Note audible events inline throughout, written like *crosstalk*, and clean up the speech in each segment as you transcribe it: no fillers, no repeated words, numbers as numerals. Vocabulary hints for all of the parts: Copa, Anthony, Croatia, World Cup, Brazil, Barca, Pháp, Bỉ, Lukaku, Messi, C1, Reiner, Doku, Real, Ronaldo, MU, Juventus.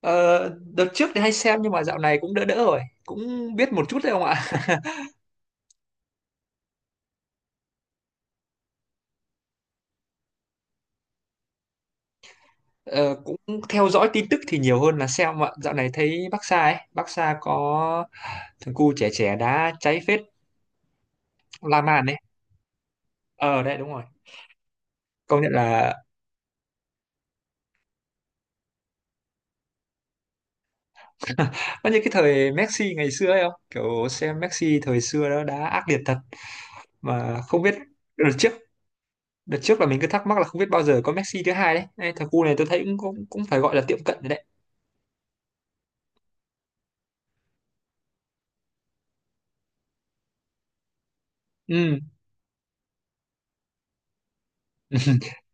Ờ, đợt trước thì hay xem nhưng mà dạo này cũng đỡ đỡ rồi, cũng biết một chút thôi ông ạ. Ờ, cũng theo dõi tin tức thì nhiều hơn là xem ạ. Dạo này thấy Barca ấy, Barca có thằng cu trẻ trẻ đá cháy phết, La Man ấy. Ờ đấy, đúng rồi. Công nhận là nó như cái thời Messi ngày xưa ấy không? Kiểu xem Messi thời xưa đó đá ác liệt thật mà không biết, đợt trước đợt trước là mình cứ thắc mắc là không biết bao giờ có Messi thứ hai đấy. Đây, thằng cu này tôi thấy cũng cũng, cũng phải gọi là tiệm cận rồi đấy. Ừ. *laughs*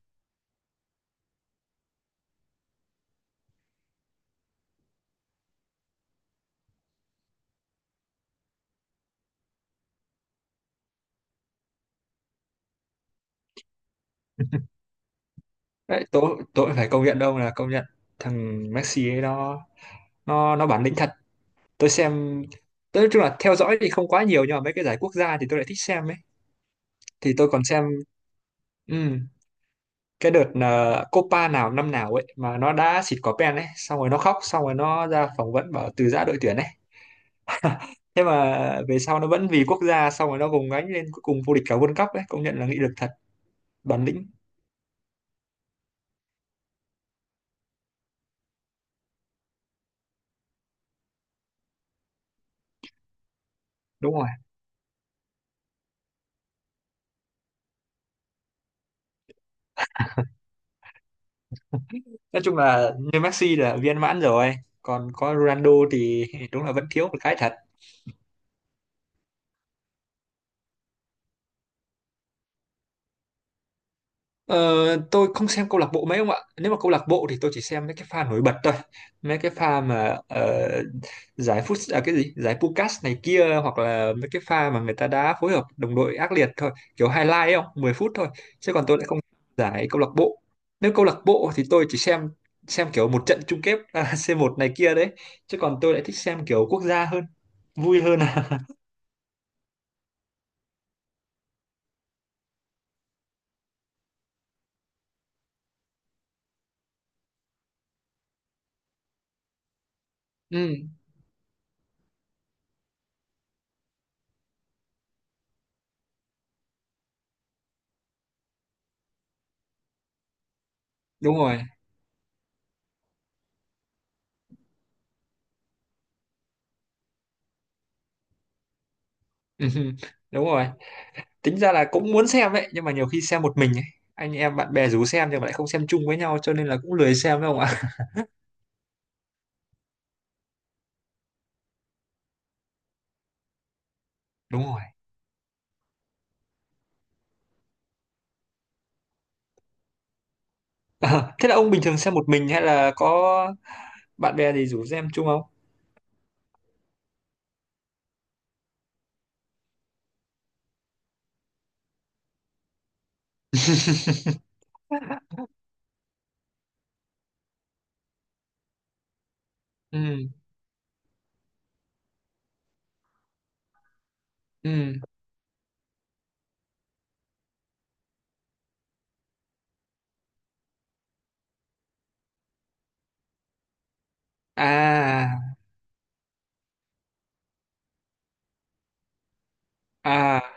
Đấy, tôi phải công nhận đâu là công nhận thằng Messi ấy nó, nó bản lĩnh thật. Tôi xem, tôi nói chung là theo dõi thì không quá nhiều nhưng mà mấy cái giải quốc gia thì tôi lại thích xem ấy, thì tôi còn xem ừm, cái đợt là Copa nào năm nào ấy mà nó đã xịt quả pen ấy, xong rồi nó khóc, xong rồi nó ra phỏng vấn bảo từ giã đội tuyển ấy. *laughs* thế mà về sau nó vẫn vì quốc gia, xong rồi nó gồng gánh lên cuối cùng vô địch cả World Cup ấy, công nhận là nghị lực thật, bản lĩnh. Đúng rồi, nói chung là như Messi là viên mãn rồi, còn có Ronaldo thì đúng là vẫn thiếu một cái thật. ờ, tôi không xem câu lạc bộ mấy ông ạ, nếu mà câu lạc bộ thì tôi chỉ xem mấy cái pha nổi bật thôi, mấy cái pha mà giải phút à, cái gì giải Pucas này kia, hoặc là mấy cái pha mà người ta đá phối hợp đồng đội ác liệt thôi, kiểu highlight ấy, không 10 phút thôi. Chứ còn tôi lại không giải câu lạc bộ, nếu câu lạc bộ thì tôi chỉ xem kiểu một trận chung kết à, *laughs* C1 này kia đấy. Chứ còn tôi lại thích xem kiểu quốc gia hơn, vui hơn à. Ừ, đúng rồi. *laughs* đúng rồi, tính ra là cũng muốn xem ấy nhưng mà nhiều khi xem một mình ấy, anh em bạn bè rủ xem nhưng mà lại không xem chung với nhau cho nên là cũng lười xem đâu ạ. *laughs* đúng rồi. Ờ, thế là ông bình thường xem một mình hay là có bạn bè gì rủ xem chung không? *laughs* ừ. Ừ. À. À.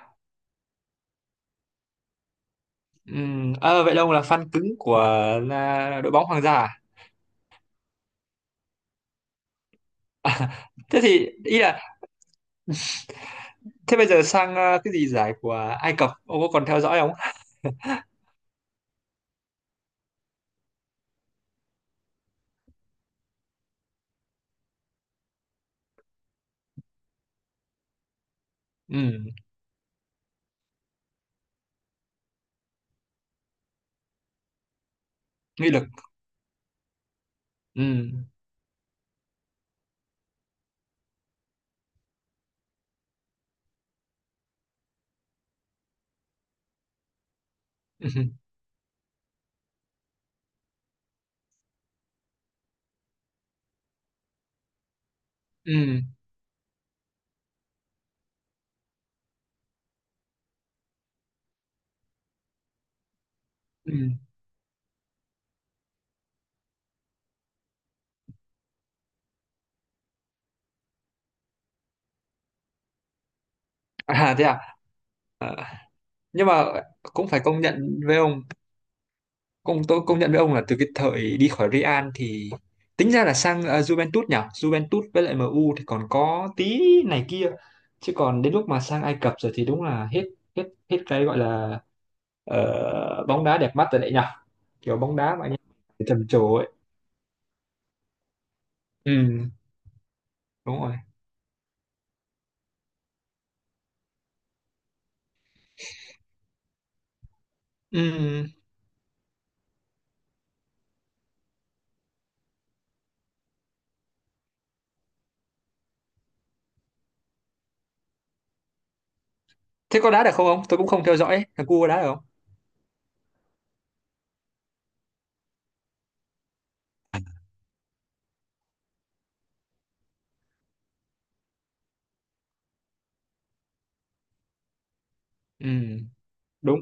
Ừ. Ờ, vậy là ông là fan cứng của à, đội bóng hoàng gia à? À, *laughs* thế thì ý là thế bây giờ sang à, cái gì giải của Ai Cập ông có còn theo dõi không? Ừ, nghị lực. Ừ. *laughs* ừ. Ừ. À thế à? À? Nhưng mà cũng phải công nhận với ông, công nhận với ông là từ cái thời đi khỏi Real thì tính ra là sang à, Juventus nhỉ? Juventus với lại MU thì còn có tí này kia. Chứ còn đến lúc mà sang Ai Cập rồi thì đúng là hết, hết hết cái gọi là bóng đá đẹp mắt rồi đấy nhỉ? Kiểu bóng đá mà anh em trầm trồ ấy. Ừ, đúng rồi. Ừ. Thế có đá được không ông? Tôi cũng không theo dõi. Thằng cu có đá được không? Ừ, đúng.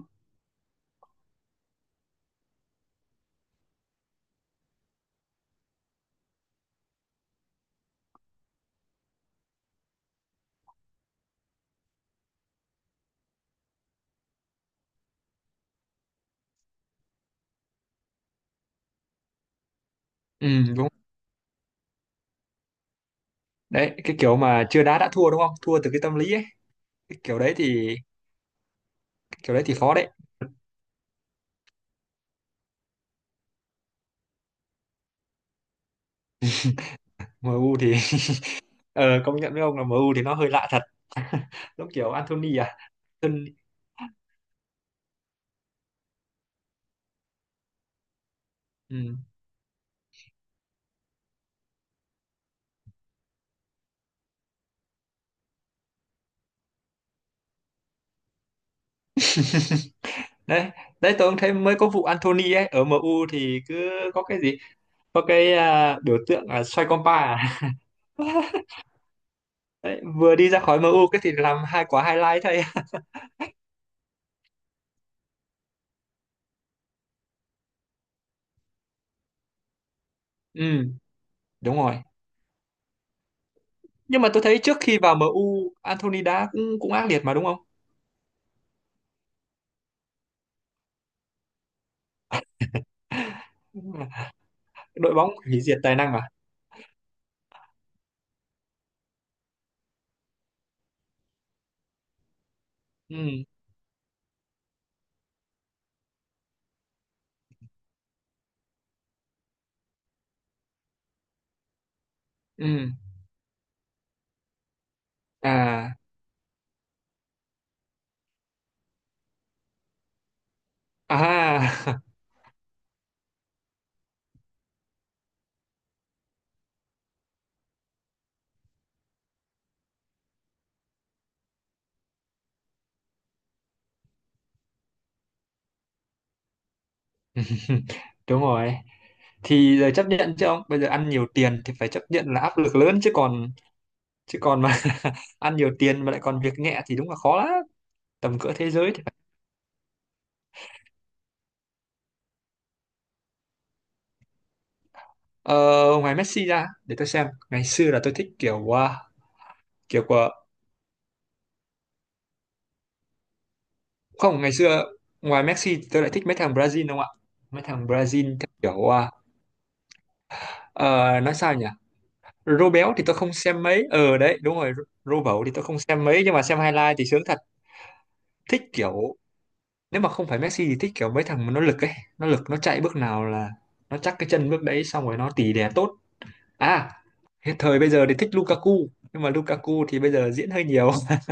Ừ, đúng. Đấy, cái kiểu mà chưa đá đã thua, đúng không, thua từ cái tâm lý ấy, cái kiểu đấy thì, cái kiểu đấy thì khó đấy. MU thì *laughs* ờ, công nhận với ông là MU thì nó hơi lạ thật, *laughs* giống kiểu Anthony à. Anthony. Ừ. Đấy, đấy tôi cũng thấy mới có vụ Anthony ấy ở MU thì cứ có cái gì, có cái à, biểu tượng là xoay compa à. *laughs* đấy, vừa đi ra khỏi MU cái thì làm hai quả highlight thôi. *laughs* ừ, đúng rồi. Nhưng mà tôi thấy trước khi vào MU Anthony đá cũng, cũng ác liệt mà, đúng không? Đúng là đội bóng hủy diệt tài năng à. Ừ. Ừ. À. À. *laughs* đúng rồi, thì giờ chấp nhận chứ ông, bây giờ ăn nhiều tiền thì phải chấp nhận là áp lực lớn chứ còn, chứ còn mà *laughs* ăn nhiều tiền mà lại còn việc nhẹ thì đúng là khó lắm, tầm cỡ thế giới thì phải. Ờ, ngoài Messi ra để tôi xem, ngày xưa là tôi thích kiểu à, kiểu của, không ngày xưa, ngoài Messi thì tôi lại thích mấy thằng Brazil không ạ, mấy thằng Brazil theo kiểu à, ờ, nói sao nhỉ. Rô béo thì tôi không xem mấy, ờ đấy đúng rồi, Rô bẩu thì tôi không xem mấy nhưng mà xem highlight thì sướng thật. Thích kiểu, nếu mà không phải Messi thì thích kiểu mấy thằng mà nó lực ấy, nó lực nó chạy bước nào là nó chắc cái chân bước đấy, xong rồi nó tỉ đè tốt. À, hiện thời bây giờ thì thích Lukaku, nhưng mà Lukaku thì bây giờ diễn hơi nhiều. *laughs*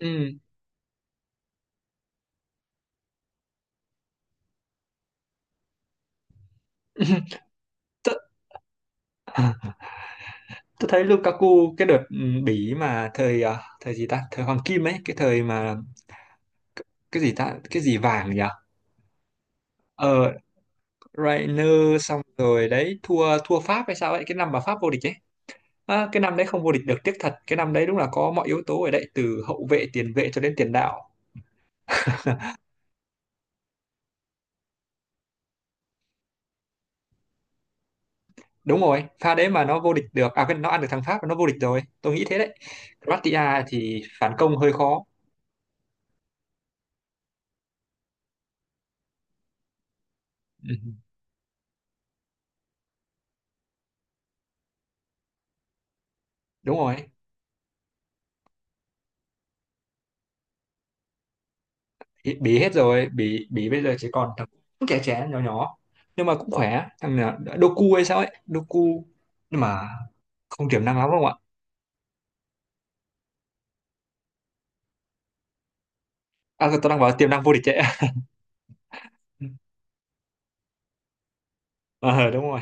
ừ. *laughs* tôi, tôi thấy Lukaku cái đợt ừ, Bỉ mà thời à, thời gì ta, thời Hoàng Kim ấy, cái thời mà cái gì ta, cái gì vàng nhỉ. Ờ, Reiner, xong rồi đấy thua, thua Pháp hay sao ấy, cái năm mà Pháp vô địch ấy. À, cái năm đấy không vô địch được tiếc thật, cái năm đấy đúng là có mọi yếu tố ở đấy từ hậu vệ, tiền vệ cho đến tiền đạo. Đúng rồi, pha đấy mà nó vô địch được à, cái nó ăn được thằng Pháp nó vô địch rồi, tôi nghĩ thế đấy. Croatia thì phản công hơi khó. *laughs* ừ, đúng rồi. Bỉ Bỉ hết rồi, Bỉ Bỉ bây giờ chỉ còn thằng cũng trẻ trẻ nhỏ nhỏ nhưng mà cũng khỏe, thằng nào- Doku hay sao ấy, Doku. Nhưng mà không tiềm năng lắm đúng không ạ? À tôi đang bảo tiềm năng vô địch đấy. *laughs* ờ, đúng rồi.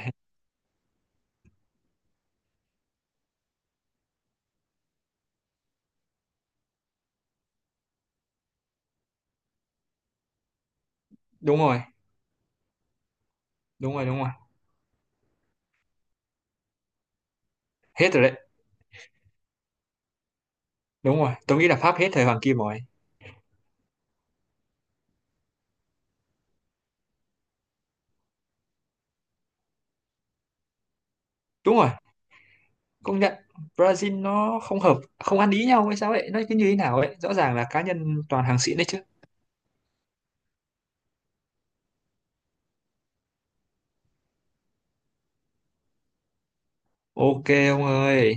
Đúng rồi. Đúng rồi, hết rồi đấy, đúng rồi, tôi nghĩ là Pháp hết thời Hoàng Kim rồi. Đúng rồi, công nhận. Brazil nó không hợp, không ăn ý nhau hay sao ấy, nó cứ như thế nào ấy, rõ ràng là cá nhân toàn hàng xịn đấy chứ. OK ông ơi.